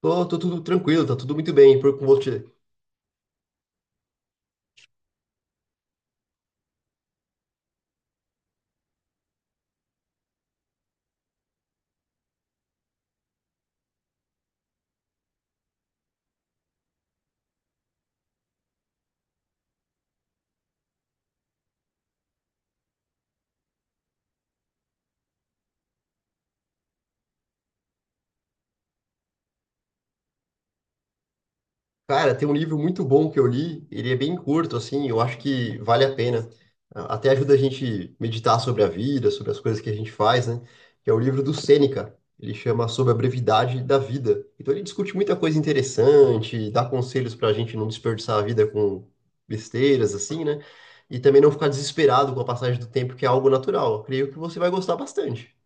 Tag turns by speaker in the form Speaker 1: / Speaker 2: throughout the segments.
Speaker 1: Tô tudo tranquilo, tá tudo muito bem. Por, com você. Cara, tem um livro muito bom que eu li, ele é bem curto, assim, eu acho que vale a pena. Até ajuda a gente meditar sobre a vida, sobre as coisas que a gente faz, né? Que é o livro do Sêneca. Ele chama Sobre a Brevidade da Vida. Então ele discute muita coisa interessante, dá conselhos pra gente não desperdiçar a vida com besteiras, assim, né? E também não ficar desesperado com a passagem do tempo, que é algo natural. Eu creio que você vai gostar bastante.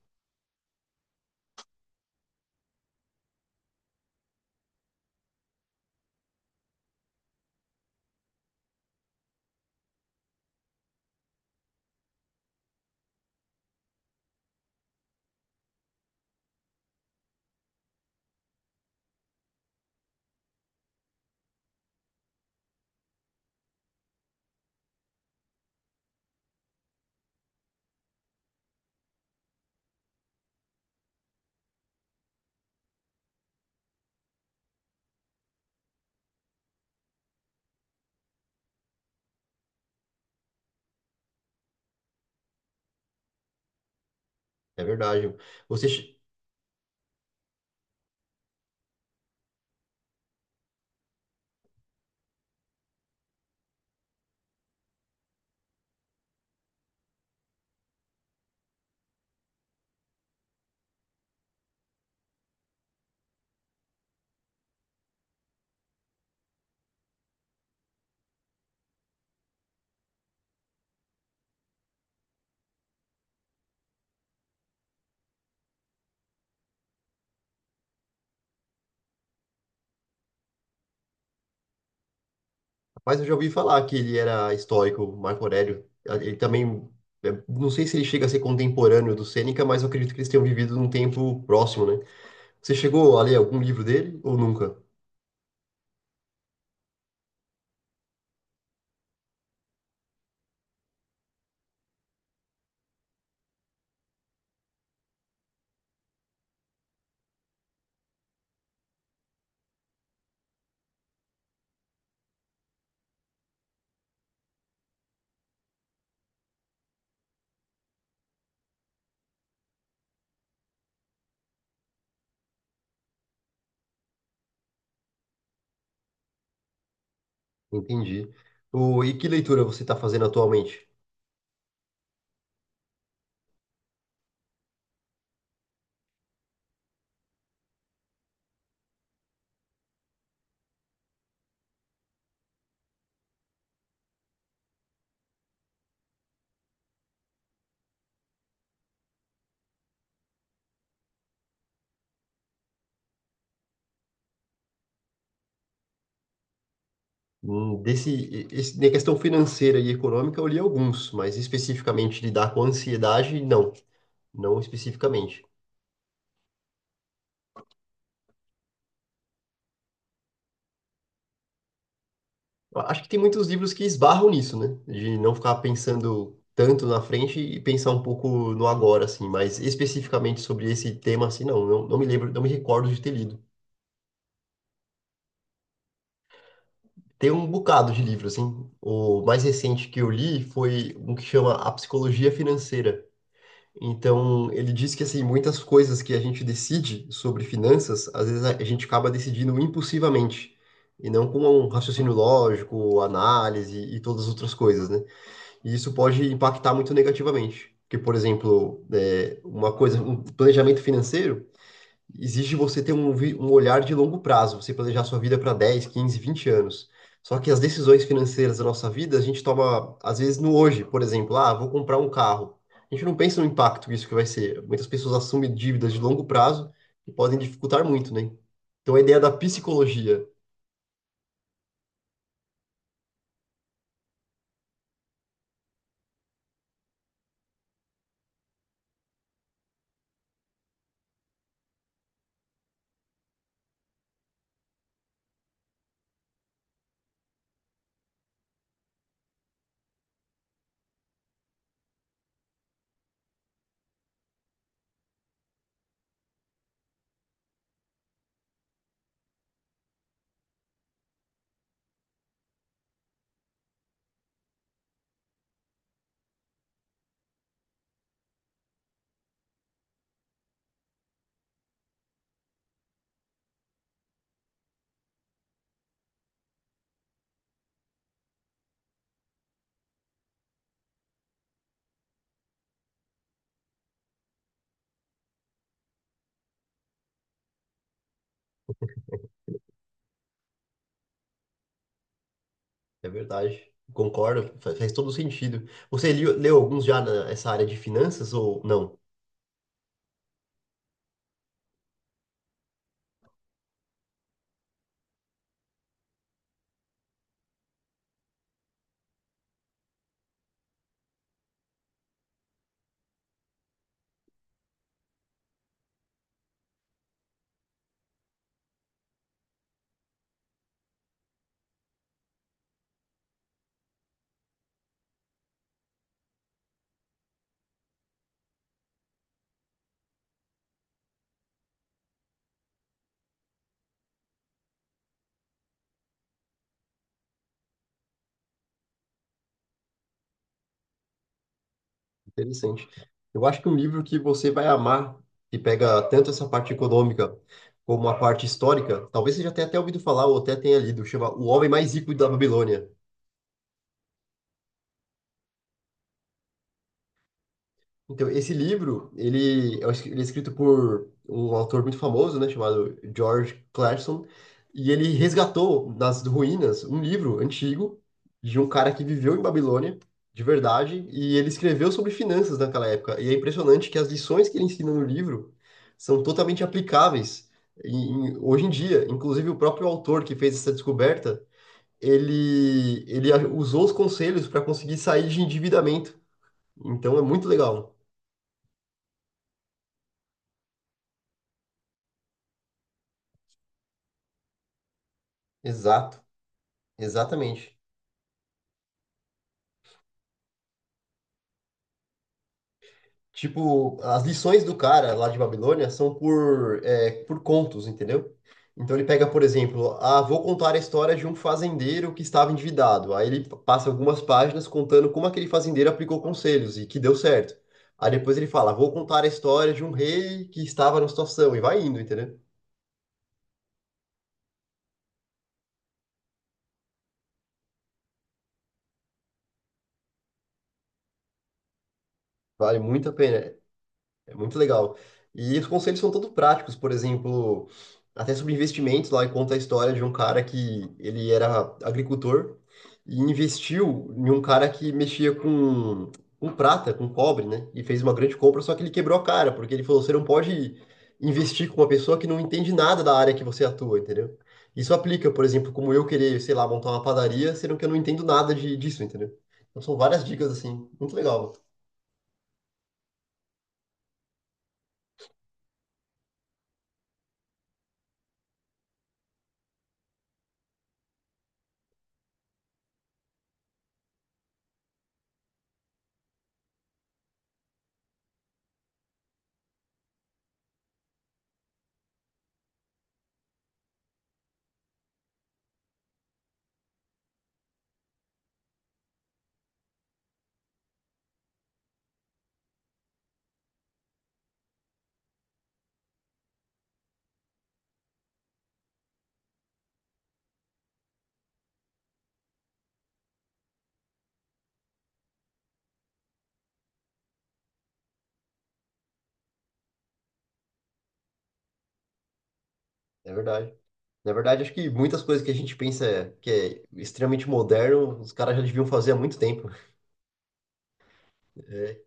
Speaker 1: É verdade. Você Mas eu já ouvi falar que ele era estoico, Marco Aurélio. Ele também, não sei se ele chega a ser contemporâneo do Sêneca, mas eu acredito que eles tenham vivido num tempo próximo, né? Você chegou a ler algum livro dele ou nunca? Entendi. O, e que leitura você está fazendo atualmente? Desse, esse, na questão financeira e econômica, eu li alguns, mas especificamente lidar com ansiedade, não, não especificamente. Eu acho que tem muitos livros que esbarram nisso, né? De não ficar pensando tanto na frente e pensar um pouco no agora, assim. Mas especificamente sobre esse tema, assim, não me lembro, não me recordo de ter lido. Tem um bocado de livro, assim. O mais recente que eu li foi um que chama A Psicologia Financeira. Então, ele diz que, assim, muitas coisas que a gente decide sobre finanças, às vezes a gente acaba decidindo impulsivamente. E não com um raciocínio lógico, análise e todas as outras coisas, né? E isso pode impactar muito negativamente. Porque, por exemplo, uma coisa, um planejamento financeiro exige você ter um, um olhar de longo prazo, você planejar sua vida para 10, 15, 20 anos. Só que as decisões financeiras da nossa vida, a gente toma, às vezes, no hoje, por exemplo, ah, vou comprar um carro. A gente não pensa no impacto que isso que vai ser. Muitas pessoas assumem dívidas de longo prazo que podem dificultar muito, né? Então, a ideia da psicologia é verdade. Concordo, faz todo sentido. Você leu alguns já nessa área de finanças ou não? Interessante. Eu acho que um livro que você vai amar, que pega tanto essa parte econômica como a parte histórica, talvez você já tenha até ouvido falar ou até tenha lido, chama O Homem Mais Rico da Babilônia. Então, esse livro, ele, eu acho que ele é escrito por um autor muito famoso, né, chamado George Clason, e ele resgatou das ruínas um livro antigo de um cara que viveu em Babilônia, de verdade, e ele escreveu sobre finanças naquela época. E é impressionante que as lições que ele ensina no livro são totalmente aplicáveis hoje em dia. Inclusive, o próprio autor que fez essa descoberta, ele usou os conselhos para conseguir sair de endividamento. Então, é muito legal. Exato, exatamente. Tipo, as lições do cara lá de Babilônia são por, é, por contos, entendeu? Então ele pega, por exemplo, ah, vou contar a história de um fazendeiro que estava endividado. Aí ele passa algumas páginas contando como aquele fazendeiro aplicou conselhos e que deu certo. Aí depois ele fala, vou contar a história de um rei que estava numa situação e vai indo, entendeu? Vale muito a pena. É muito legal. E os conselhos são todos práticos, por exemplo, até sobre investimentos, lá e conta a história de um cara que ele era agricultor e investiu em um cara que mexia com prata, com cobre, né? E fez uma grande compra, só que ele quebrou a cara, porque ele falou, você não pode investir com uma pessoa que não entende nada da área que você atua, entendeu? Isso aplica, por exemplo, como eu querer, sei lá, montar uma padaria, sendo que eu não entendo nada de, disso, entendeu? Então são várias dicas assim, muito legal, é verdade. Na verdade, acho que muitas coisas que a gente pensa que é extremamente moderno, os caras já deviam fazer há muito tempo. É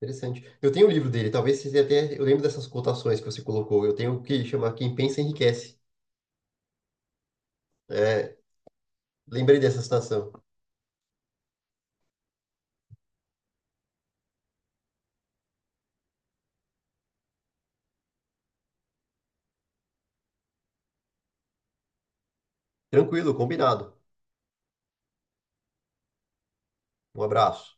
Speaker 1: interessante. Eu tenho o livro dele, talvez você até. Eu lembro dessas cotações que você colocou. Eu tenho o que chama Quem Pensa Enriquece. É, lembrei dessa citação. Tranquilo, combinado. Um abraço.